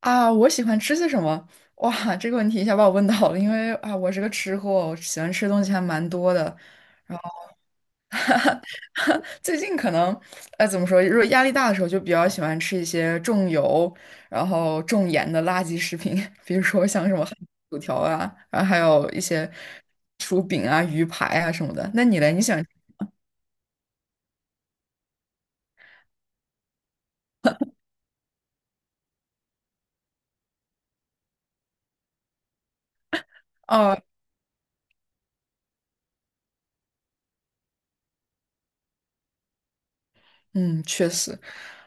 啊，我喜欢吃些什么？哇，这个问题一下把我问到了，因为啊，我是个吃货，我喜欢吃的东西还蛮多的。然后 最近可能，怎么说？如果压力大的时候，就比较喜欢吃一些重油、然后重盐的垃圾食品，比如说像什么汉堡薯条啊，然后还有一些薯饼啊、鱼排啊什么的。那你嘞？你喜欢？哦，嗯，确实。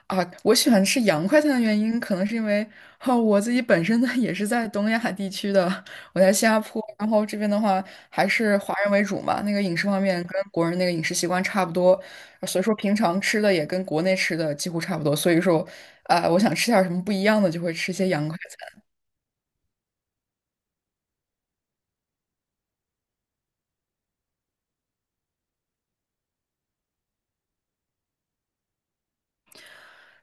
啊，我喜欢吃洋快餐的原因，可能是因为哦，我自己本身呢也是在东亚地区的，我在新加坡，然后这边的话还是华人为主嘛，那个饮食方面跟国人那个饮食习惯差不多，所以说平常吃的也跟国内吃的几乎差不多，所以说，啊，我想吃点儿什么不一样的，就会吃一些洋快餐。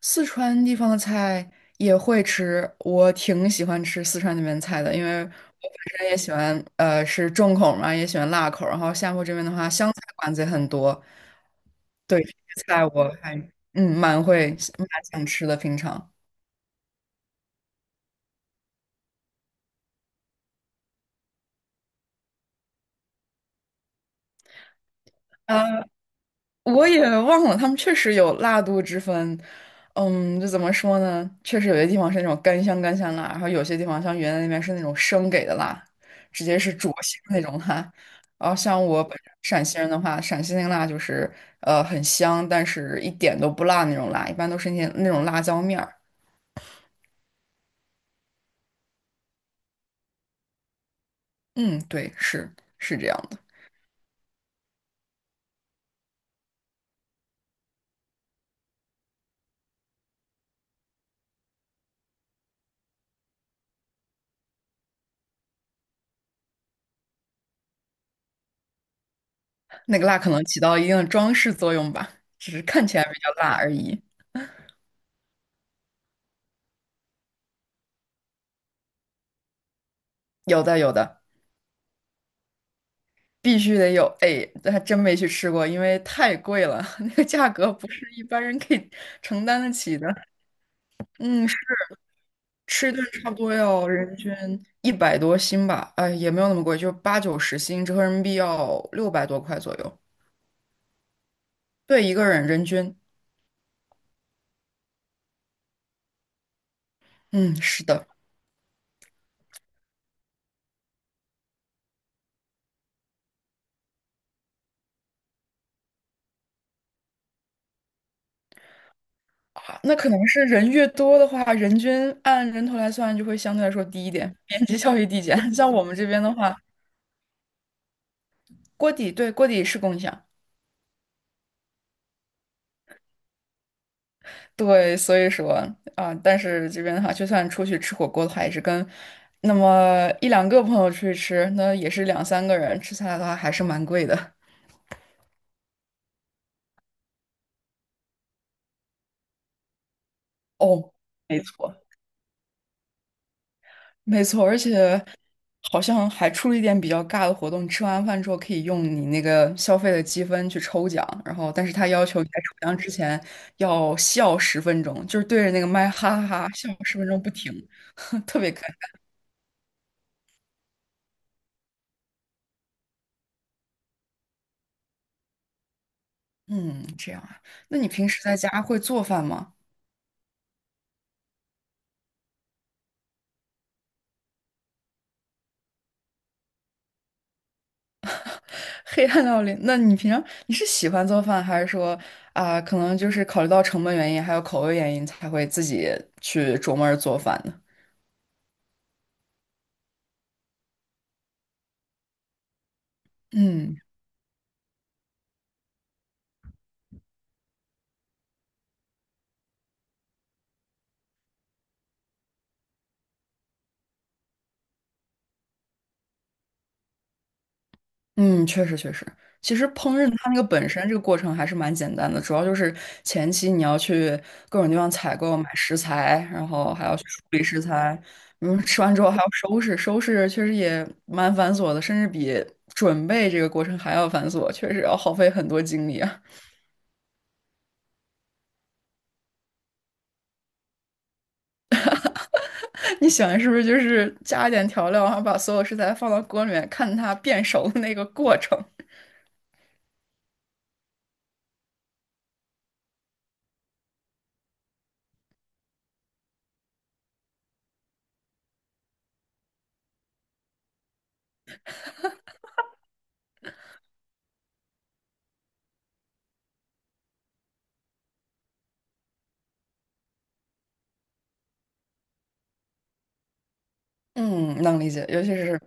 四川地方的菜也会吃，我挺喜欢吃四川那边菜的，因为我本身也喜欢，是重口嘛，也喜欢辣口。然后厦门这边的话，湘菜馆子也很多，对，这些菜我还蛮会蛮想吃的，平常。呃我也忘了，他们确实有辣度之分。嗯，就怎么说呢？确实有些地方是那种干香干香辣，然后有些地方像云南那边是那种生给的辣，直接是灼心的那种辣。然后像我本身陕西人的话，陕西那个辣就是很香，但是一点都不辣那种辣，一般都是那种辣椒面儿。嗯，对，是，是这样的，那个辣可能起到一定的装饰作用吧，只是看起来比较辣而已。有的，有的。必须得有，哎，这还真没去吃过，因为太贵了，那个价格不是一般人可以承担得起的。嗯，吃顿差不多要人均一百多新吧，哎，也没有那么贵，就八九十新，折合人民币要六百多块左右。对，一个人人均，嗯，是的，啊，那可能是人越多的话，人均按人头来算就会相对来说低一点，边际效益递减。像我们这边的话，锅底，对，锅底是共享。对，所以说啊，但是这边的话，就算出去吃火锅的话，也是跟那么一两个朋友出去吃，那也是两三个人吃下来的话，还是蛮贵的。哦，没错，没错，而且好像还出了一点比较尬的活动，吃完饭之后可以用你那个消费的积分去抽奖，然后但是他要求你在抽奖之前要笑十分钟，就是对着那个麦哈哈哈笑十分钟不停，特别尴尬。嗯，这样啊，那你平时在家会做饭吗？黑暗料理，那你平常你是喜欢做饭，还是说啊、可能就是考虑到成本原因，还有口味原因，才会自己去琢磨着做饭呢？嗯嗯，确实确实，其实烹饪它那个本身这个过程还是蛮简单的，主要就是前期你要去各种地方采购买食材，然后还要去处理食材，嗯，吃完之后还要收拾，收拾确实也蛮繁琐的，甚至比准备这个过程还要繁琐，确实要耗费很多精力啊。你喜欢是不是就是加一点调料，然后把所有食材放到锅里面，看它变熟的那个过程？嗯，能理解，尤其是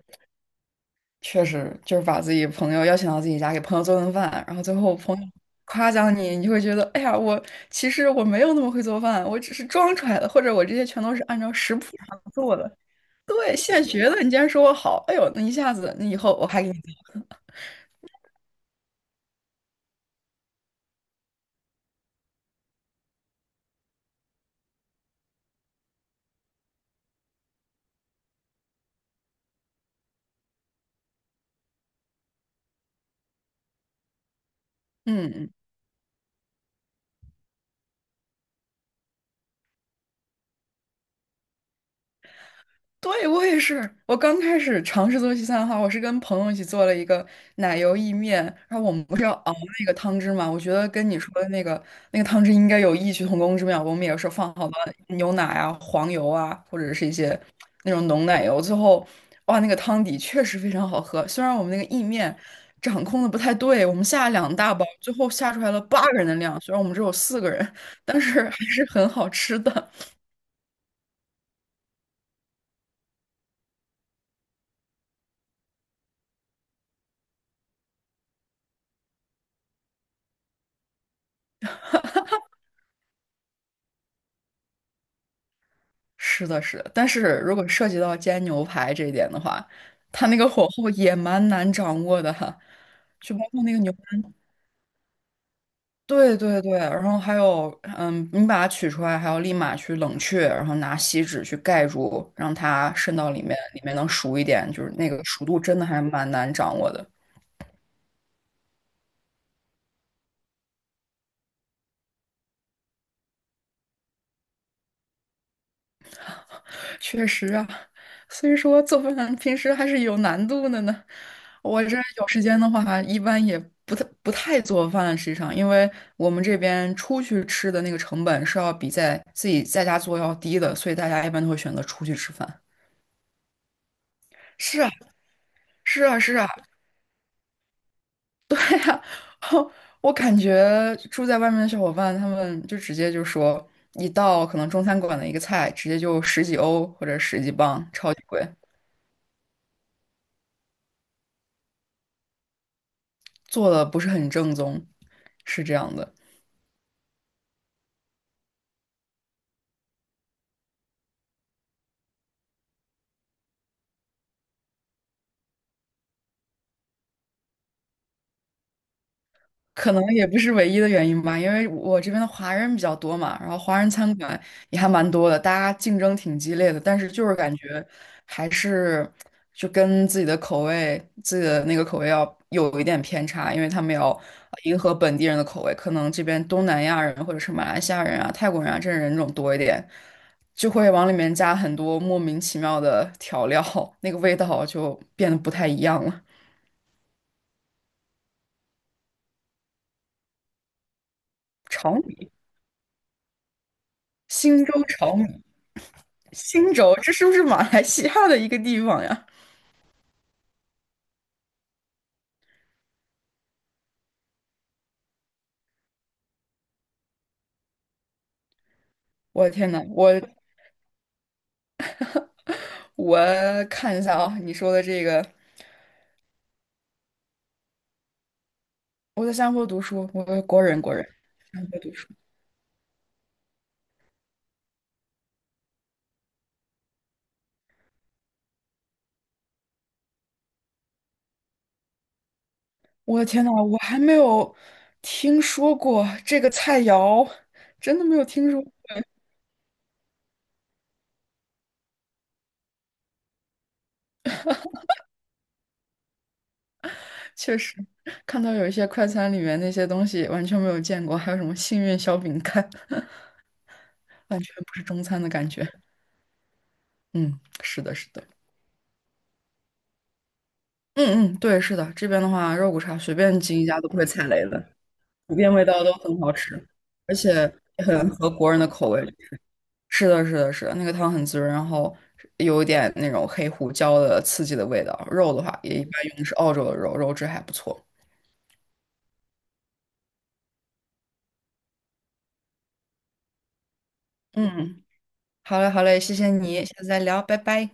确实就是把自己朋友邀请到自己家，给朋友做顿饭，然后最后朋友夸奖你，你就会觉得，哎呀，我其实我没有那么会做饭，我只是装出来的，或者我这些全都是按照食谱上做的，对，现学的。你竟然说我好，哎呦，那一下子，那以后我还给你做，嗯。嗯对，我也是。我刚开始尝试做西餐的话，我是跟朋友一起做了一个奶油意面，然后我们不是要熬那个汤汁嘛？我觉得跟你说的那个那个汤汁应该有异曲同工之妙。我们也是放好了牛奶啊、黄油啊，或者是一些那种浓奶油，最后哇，那个汤底确实非常好喝。虽然我们那个意面掌控的不太对，我们下了两大包，最后下出来了8个人的量，虽然我们只有4个人，但是还是很好吃的。是的，是的，但是如果涉及到煎牛排这一点的话，它那个火候也蛮难掌握的哈，就包括那个牛排，对对对，然后还有，你把它取出来，还要立马去冷却，然后拿锡纸去盖住，让它渗到里面，里面能熟一点，就是那个熟度真的还蛮难掌握的。确实啊，所以说做饭平时还是有难度的呢。我这有时间的话，一般也不太做饭，实际上，因为我们这边出去吃的那个成本是要比在自己在家做要低的，所以大家一般都会选择出去吃饭。是啊，是啊，是啊，我感觉住在外面的小伙伴，他们就直接就说一道可能中餐馆的一个菜，直接就十几欧或者十几磅，超级贵，做的不是很正宗，是这样的。可能也不是唯一的原因吧，因为我这边的华人比较多嘛，然后华人餐馆也还蛮多的，大家竞争挺激烈的，但是就是感觉还是就跟自己的口味、自己的那个口味要有一点偏差，因为他们要迎合本地人的口味，可能这边东南亚人或者是马来西亚人啊、泰国人啊这人种多一点，就会往里面加很多莫名其妙的调料，那个味道就变得不太一样了。炒米，新州炒米。新州，这是不是马来西亚的一个地方呀？我的天呐，我看一下啊，你说的这个，我在新加坡读书，我是国人，国人，新加坡读书。我的天呐，我还没有听说过这个菜肴，真的没有听说过。确实，看到有一些快餐里面那些东西完全没有见过，还有什么幸运小饼干，完全不是中餐的感觉。嗯，是的，是的，嗯嗯，对，是的，这边的话，肉骨茶随便进一家都不会踩雷的。普遍味道都很好吃，而且也很合国人的口味。是的，是的，是的，那个汤很滋润，然后有一点那种黑胡椒的刺激的味道。肉的话，也一般用的是澳洲的肉，肉质还不错。嗯，好嘞，好嘞，谢谢你，下次再聊，拜拜。